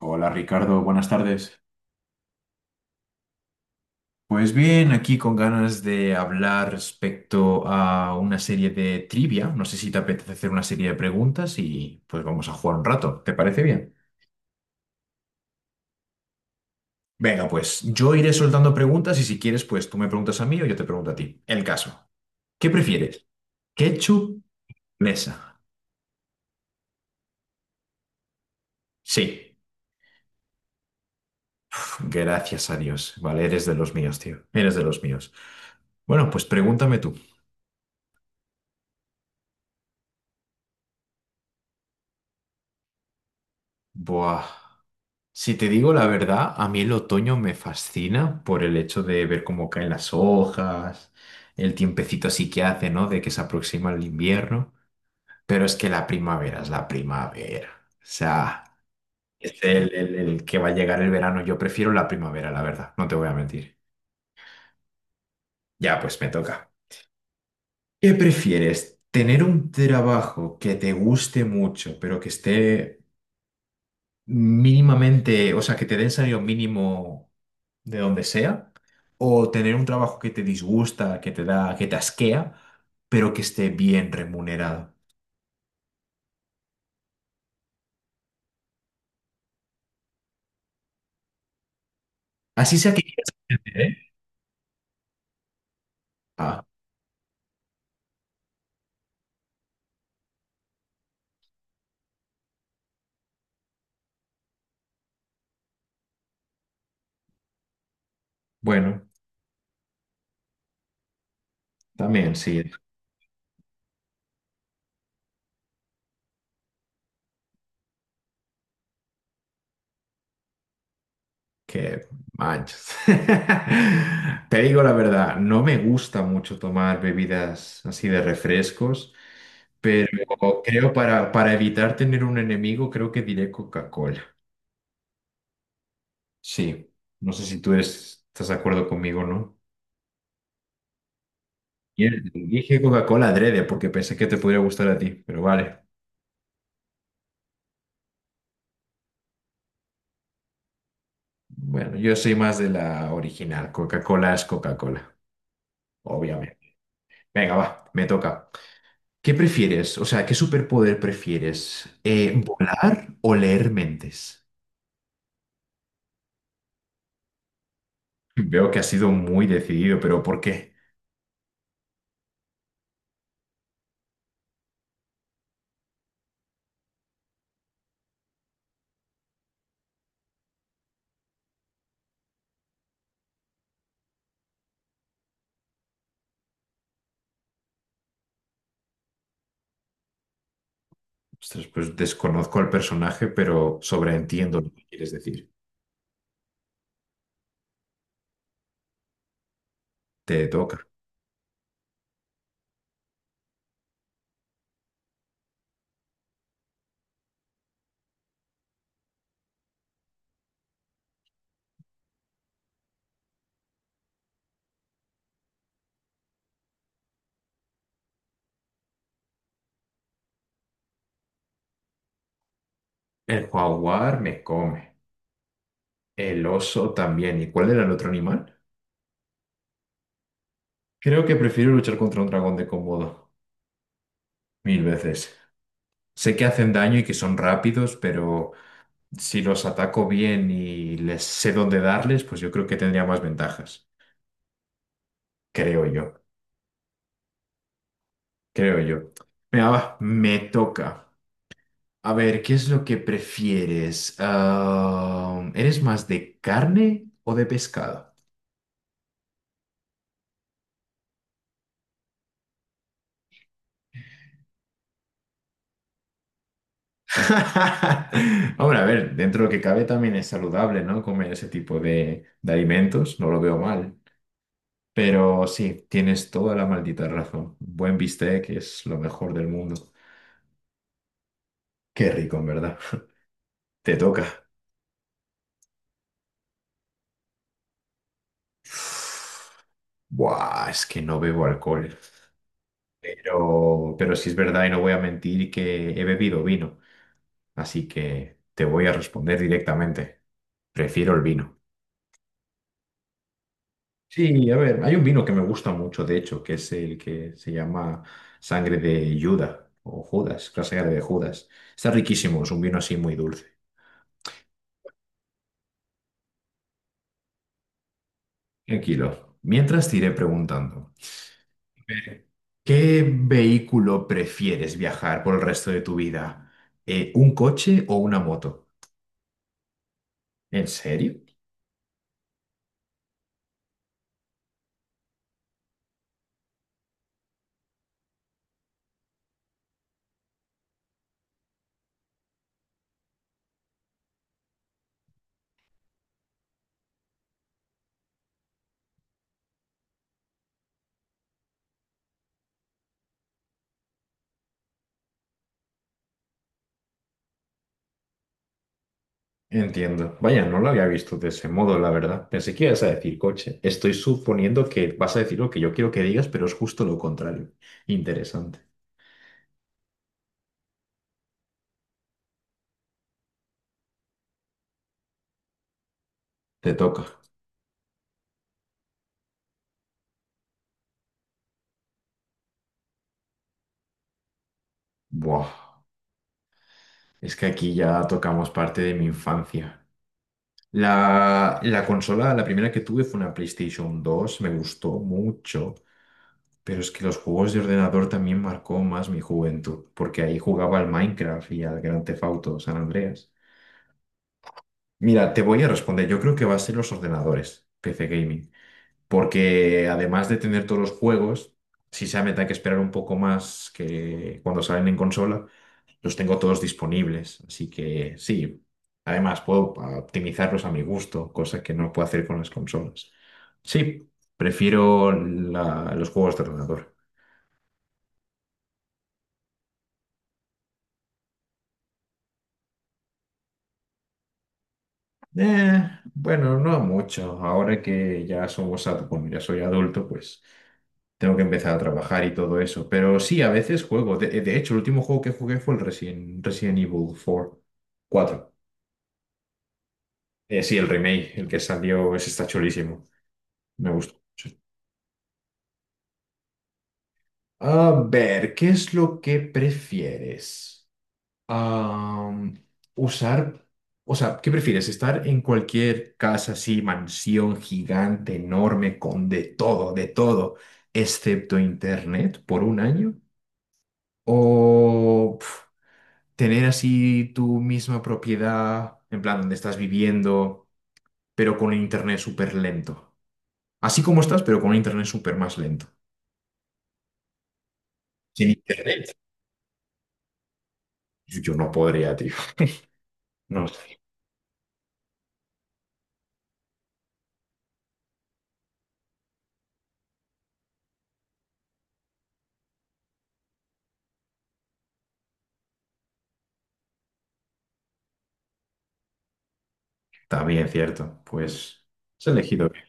Hola Ricardo, buenas tardes. Pues bien, aquí con ganas de hablar respecto a una serie de trivia. No sé si te apetece hacer una serie de preguntas y pues vamos a jugar un rato. ¿Te parece bien? Venga, pues yo iré soltando preguntas y si quieres, pues tú me preguntas a mí o yo te pregunto a ti. El caso. ¿Qué prefieres? ¿Ketchup? ¿Mesa? Sí. Gracias a Dios. Vale, eres de los míos, tío. Eres de los míos. Bueno, pues pregúntame tú. Buah. Si te digo la verdad, a mí el otoño me fascina por el hecho de ver cómo caen las hojas, el tiempecito así que hace, ¿no? De que se aproxima el invierno. Pero es que la primavera es la primavera. O sea, es el que va a llegar el verano. Yo prefiero la primavera, la verdad, no te voy a mentir. Ya, pues me toca. ¿Qué prefieres? ¿Tener un trabajo que te guste mucho, pero que esté mínimamente, o sea, que te den salario mínimo de donde sea, o tener un trabajo que te disgusta, que te da, que te asquea, pero que esté bien remunerado. Así sea que... ¿Eh? Ah, bueno, también sí, que manches. Te digo la verdad, no me gusta mucho tomar bebidas así de refrescos, pero creo para evitar tener un enemigo, creo que diré Coca-Cola. Sí, no sé si tú estás de acuerdo conmigo, ¿no? Dije Coca-Cola adrede porque pensé que te podría gustar a ti, pero vale. Bueno, yo soy más de la original. Coca-Cola es Coca-Cola, obviamente. Venga, va, me toca. ¿Qué prefieres? O sea, ¿qué superpoder prefieres? ¿Volar o leer mentes? Veo que has sido muy decidido, pero ¿por qué? Ostras, pues desconozco al personaje, pero sobreentiendo lo que quieres decir. Te toca. El jaguar me come. El oso también. ¿Y cuál era el otro animal? Creo que prefiero luchar contra un dragón de Komodo. Mil veces. Sé que hacen daño y que son rápidos, pero si los ataco bien y les sé dónde darles, pues yo creo que tendría más ventajas. Creo yo. Creo yo. Venga, va, me toca. A ver, ¿qué es lo que prefieres? ¿Eres más de carne o de pescado? Hombre, a ver, dentro de lo que cabe también es saludable, ¿no? Comer ese tipo de alimentos, no lo veo mal. Pero sí, tienes toda la maldita razón. Buen bistec es lo mejor del mundo. Qué rico, en verdad. Te toca. Buah, es que no bebo alcohol. Pero sí es verdad y no voy a mentir que he bebido vino. Así que te voy a responder directamente. Prefiero el vino. Sí, a ver, hay un vino que me gusta mucho, de hecho, que es el que se llama Sangre de Judas o Judas, la sangre de Judas. Está riquísimo, es un vino así muy dulce. Tranquilo. Mientras te iré preguntando, eh, ¿qué vehículo prefieres viajar por el resto de tu vida? ¿Un coche o una moto? ¿En serio? Entiendo. Vaya, no lo había visto de ese modo, la verdad. Pensé que ibas a decir coche. Estoy suponiendo que vas a decir lo que yo quiero que digas, pero es justo lo contrario. Interesante. Te toca. Buah, es que aquí ya tocamos parte de mi infancia. La consola, la primera que tuve fue una PlayStation dos me gustó mucho, pero es que los juegos de ordenador también marcó más mi juventud, porque ahí jugaba al Minecraft y al Grand Theft Auto San Andreas. Mira, te voy a responder, yo creo que va a ser los ordenadores, PC Gaming, porque además de tener todos los juegos, sí se me da que esperar un poco más que cuando salen en consola los tengo todos disponibles, así que sí. Además, puedo optimizarlos a mi gusto, cosa que no puedo hacer con las consolas. Sí, prefiero los juegos de ordenador. Bueno, no mucho. Ahora que ya somos, bueno, ya soy adulto, pues tengo que empezar a trabajar y todo eso. Pero sí, a veces juego. De hecho, el último juego que jugué fue el Resident Evil 4. 4. Sí, el remake, el que salió, ese está chulísimo. Me gustó mucho. A ver, ¿qué es lo que prefieres? Am, usar, o sea, ¿qué prefieres? ¿Estar en cualquier casa así, mansión gigante, enorme, con de todo, excepto internet por un año? ¿O pf, tener así tu misma propiedad, en plan, donde estás viviendo, pero con internet súper lento? Así como estás, pero con internet súper más lento. Sin internet, yo no podría, tío. No sé. También cierto. Pues has elegido bien.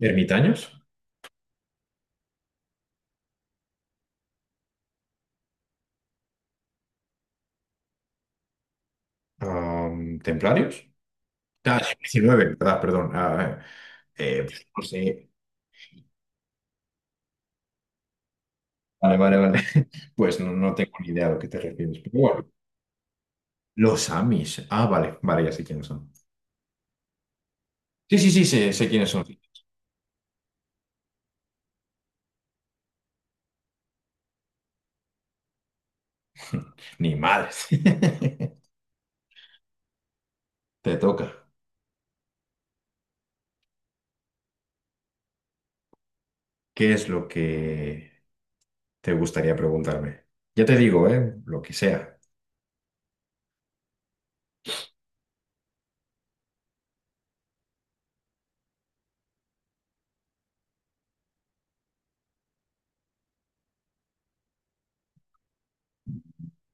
Ermitaños. Templarios. Ah, 19, ¿verdad? Perdón. Pues, no sé. Vale, vale, vale. Pues no, no tengo ni idea a lo que te refieres. Pero bueno, los Amish. Ah, vale, vale, ya sé quiénes son. Sí, sí, sí, sé, sé quiénes son. Ni madres. Te toca. ¿Qué es lo que te gustaría preguntarme? Ya te digo, ¿eh? Lo que sea.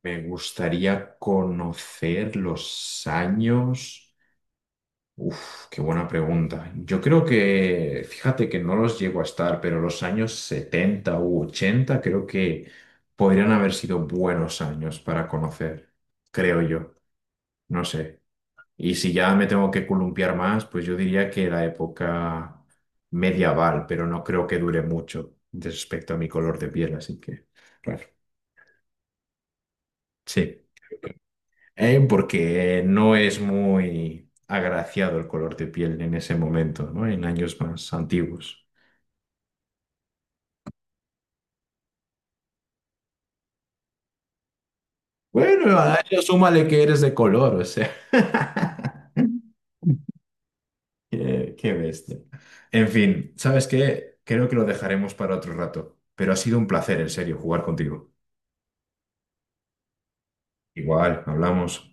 Me gustaría conocer los años. Uf, qué buena pregunta. Yo creo que, fíjate que no los llego a estar, pero los años 70 u 80 creo que podrían haber sido buenos años para conocer, creo yo, no sé. Y si ya me tengo que columpiar más, pues yo diría que la época medieval, pero no creo que dure mucho respecto a mi color de piel, así que, claro, sí. Porque no es muy agraciado el color de piel en ese momento, ¿no? En años más antiguos. Bueno, a eso súmale que eres de color, o sea. Qué, qué bestia. En fin, ¿sabes qué? Creo que lo dejaremos para otro rato, pero ha sido un placer, en serio, jugar contigo. Igual, hablamos.